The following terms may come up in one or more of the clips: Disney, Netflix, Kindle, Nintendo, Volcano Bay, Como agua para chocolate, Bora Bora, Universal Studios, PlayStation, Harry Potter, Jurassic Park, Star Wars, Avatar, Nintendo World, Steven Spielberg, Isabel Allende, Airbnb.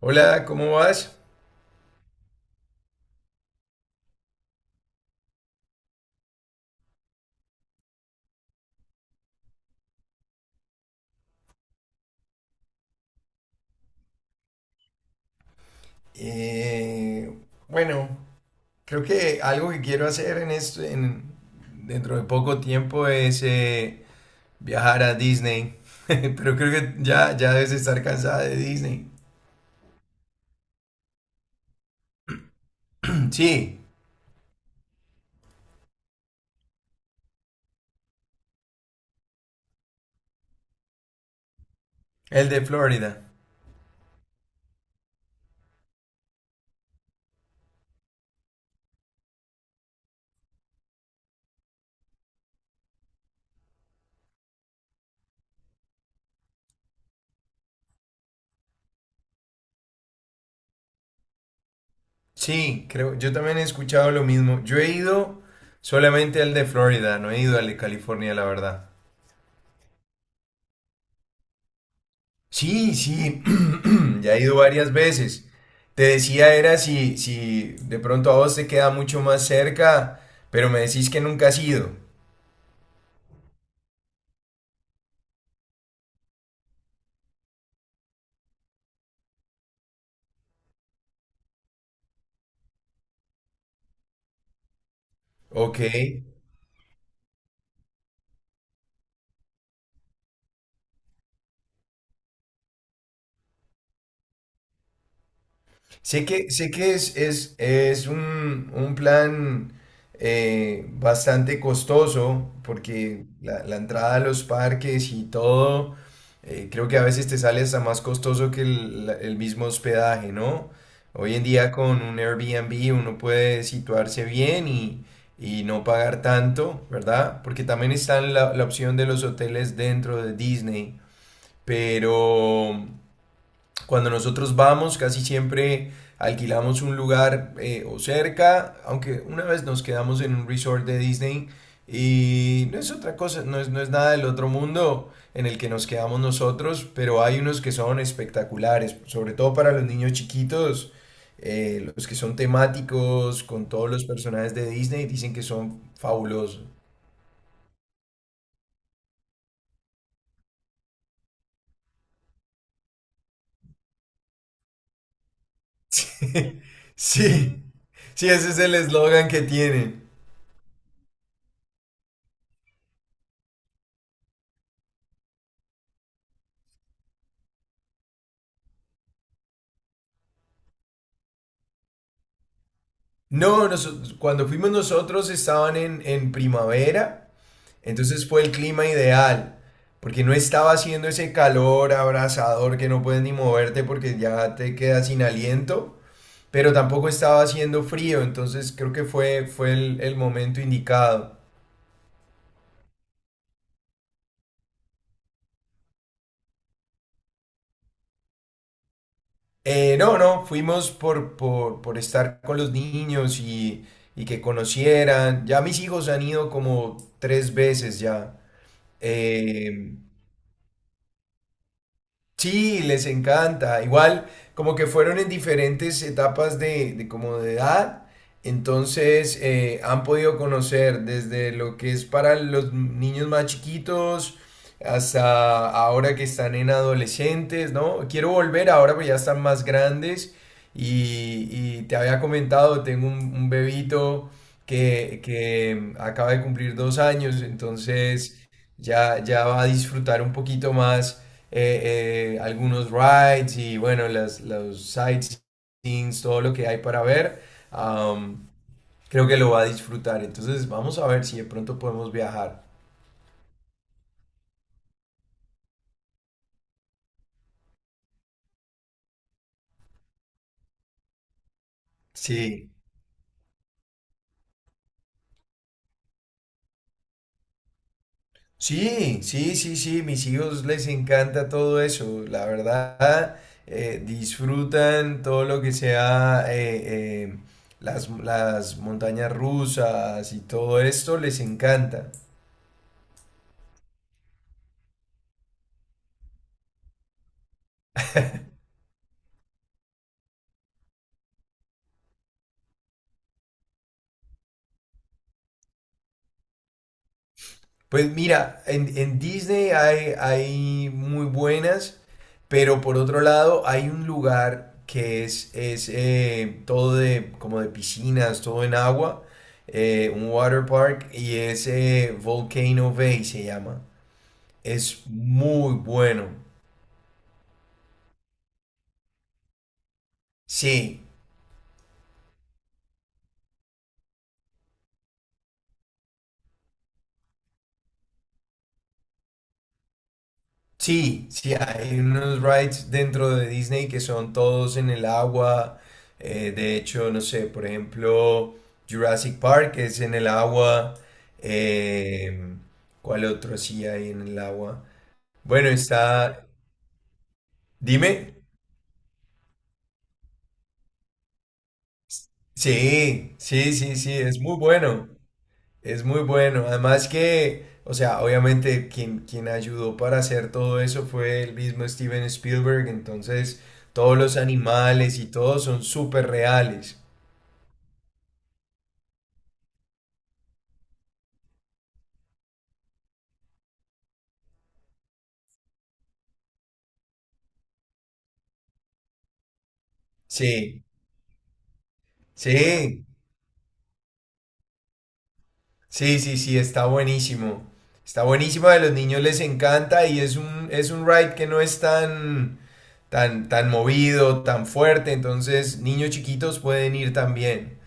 Hola, ¿cómo vas? Eh, bueno, creo que algo que quiero hacer dentro de poco tiempo es viajar a Disney. Pero creo que ya debes estar cansada de Disney. Sí, el de Florida. Sí, creo, yo también he escuchado lo mismo. Yo he ido solamente al de Florida, no he ido al de California, la verdad. Sí, sí, ya he ido varias veces. Te decía era si de pronto a vos te queda mucho más cerca, pero me decís que nunca has ido. Ok. Sé que es un plan bastante costoso porque la entrada a los parques y todo, creo que a veces te sale hasta más costoso que el mismo hospedaje, ¿no? Hoy en día con un Airbnb uno puede situarse bien y no pagar tanto, ¿verdad? Porque también está la opción de los hoteles dentro de Disney, pero... Cuando nosotros vamos, casi siempre alquilamos un lugar o cerca, aunque una vez nos quedamos en un resort de Disney y no es otra cosa, no es nada del otro mundo en el que nos quedamos nosotros, pero hay unos que son espectaculares, sobre todo para los niños chiquitos, los que son temáticos con todos los personajes de Disney, dicen que son fabulosos. Sí, sí, ese es el eslogan que tienen. No, noso- Cuando fuimos nosotros estaban en primavera, entonces fue el clima ideal, porque no estaba haciendo ese calor abrasador que no puedes ni moverte porque ya te quedas sin aliento, pero tampoco estaba haciendo frío, entonces creo que fue el momento indicado. No, fuimos por estar con los niños y que conocieran. Ya mis hijos han ido como tres veces ya. Em, Sí, les encanta. Igual, como que fueron en diferentes etapas de como de edad, entonces han podido conocer desde lo que es para los niños más chiquitos hasta ahora que están en adolescentes, ¿no? Quiero volver ahora, pues ya están más grandes y te había comentado, tengo un bebito que acaba de cumplir 2 años, entonces ya va a disfrutar un poquito más algunos rides y bueno, los sightseeings, todo lo que hay para ver, am, creo que lo va a disfrutar. Entonces vamos a ver si de pronto podemos viajar. Sí, sí, sí, sí, sí, mis hijos les encanta todo eso, la verdad, disfrutan todo lo que sea las montañas rusas y todo esto, les encanta. Pues mira, en Disney hay, hay muy buenas, pero por otro lado hay un lugar que es todo de, como de piscinas, todo en agua, un water park, y es Volcano Bay se llama. Es muy bueno. Sí, sí, sí, hay unos rides dentro de Disney que son todos en el agua. De hecho, no sé, por ejemplo, Jurassic Park es en el agua. Em, ¿Cuál otro sí hay en el agua? Bueno, está... Dime. Sí, sí, sí, sí, es muy bueno. Es muy bueno. Además que, o sea, obviamente quien ayudó para hacer todo eso fue el mismo Steven Spielberg. Entonces, todos los animales y todo son súper reales. Sí, sí, sí, sí, sí, está buenísimo. Está buenísimo, a los niños les encanta y es es un ride que no es tan movido, tan fuerte. Entonces, niños chiquitos pueden ir también.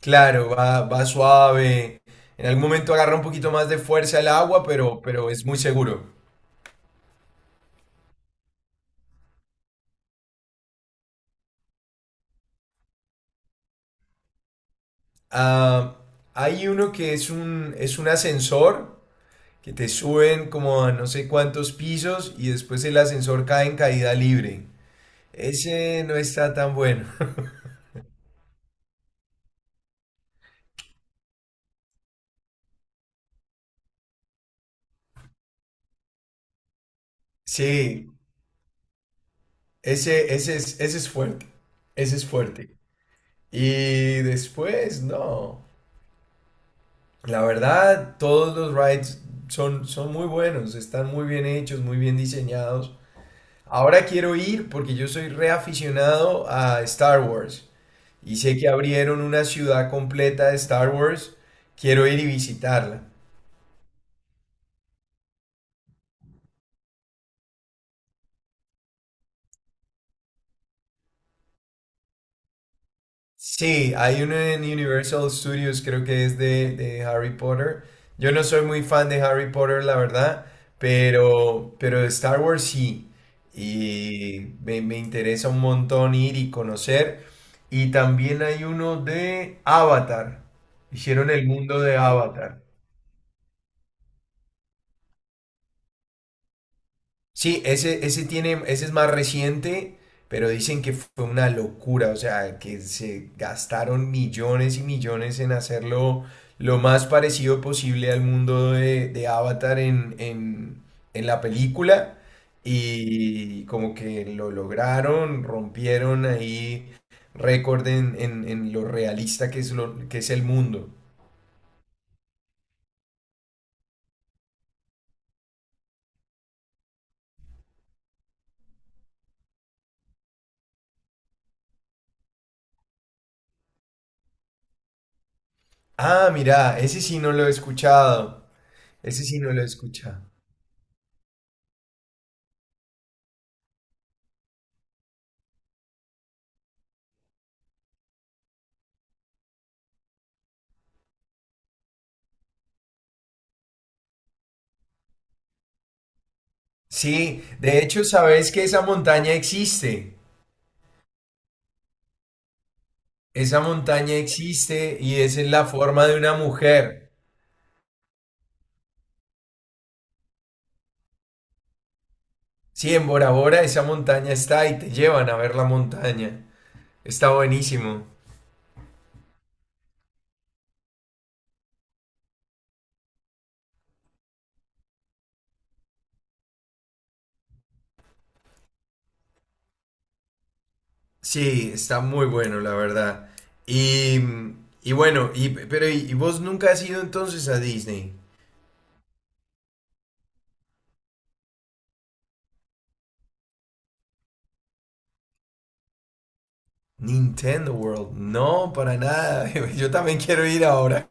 Claro, va, va suave. En algún momento agarra un poquito más de fuerza el agua, pero es muy seguro. Ah, Hay uno que es es un ascensor que te suben como a no sé cuántos pisos y después el ascensor cae en caída libre. Ese no está tan bueno. Sí, ese es fuerte. Ese es fuerte. Y después, no. La verdad, todos los rides son, son muy buenos, están muy bien hechos, muy bien diseñados. Ahora quiero ir porque yo soy reaficionado a Star Wars y sé que abrieron una ciudad completa de Star Wars. Quiero ir y visitarla. Sí, hay uno en Universal Studios, creo que es de Harry Potter. Yo no soy muy fan de Harry Potter, la verdad, pero de Star Wars sí. Y me interesa un montón ir y conocer. Y también hay uno de Avatar. Hicieron el mundo de Avatar. Sí, ese tiene, ese es más reciente, pero dicen que fue una locura, o sea, que se gastaron millones y millones en hacerlo lo más parecido posible al mundo de Avatar en la película y como que lo lograron, rompieron ahí récord en lo realista que es, lo, que es el mundo. Ah, mira, ese sí no lo he escuchado, ese sí no lo he escuchado. Sí, de hecho, sabes que esa montaña existe. Esa montaña existe y es en la forma de una mujer. Sí, en Bora Bora esa montaña está y te llevan a ver la montaña. Está buenísimo. Sí, está muy bueno, la verdad. Y, pero ¿y vos nunca has ido entonces a Disney? Nintendo World. No, para nada. Yo también quiero ir ahora.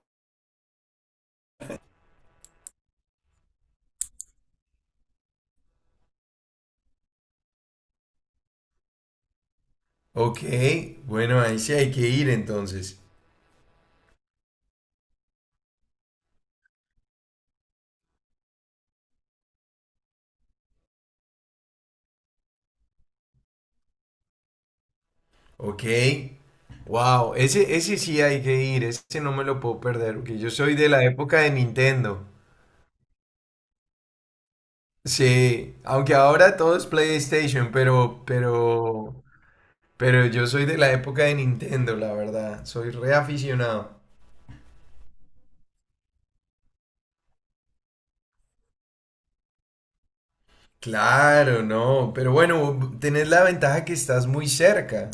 Ok, bueno, ahí sí hay que ir entonces. Ok. Wow, ese sí hay que ir, ese no me lo puedo perder, porque yo soy de la época de Nintendo. Sí, aunque ahora todo es PlayStation, pero yo soy de la época de Nintendo, la verdad. Soy reaficionado. Claro, no, pero bueno, tenés la ventaja que estás muy cerca.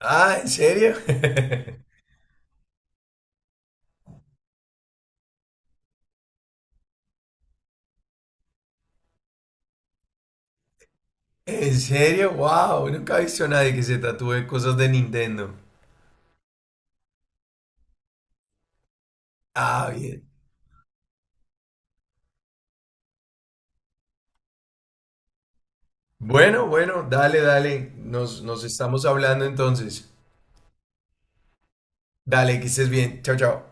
Ah, ¿en serio? ¿En serio? Wow, nunca he visto a nadie que se tatúe cosas de Nintendo. Ah, bien. Bueno, bueno, dale, dale. Nos, nos estamos hablando entonces. Dale, que estés bien. Chao, chao.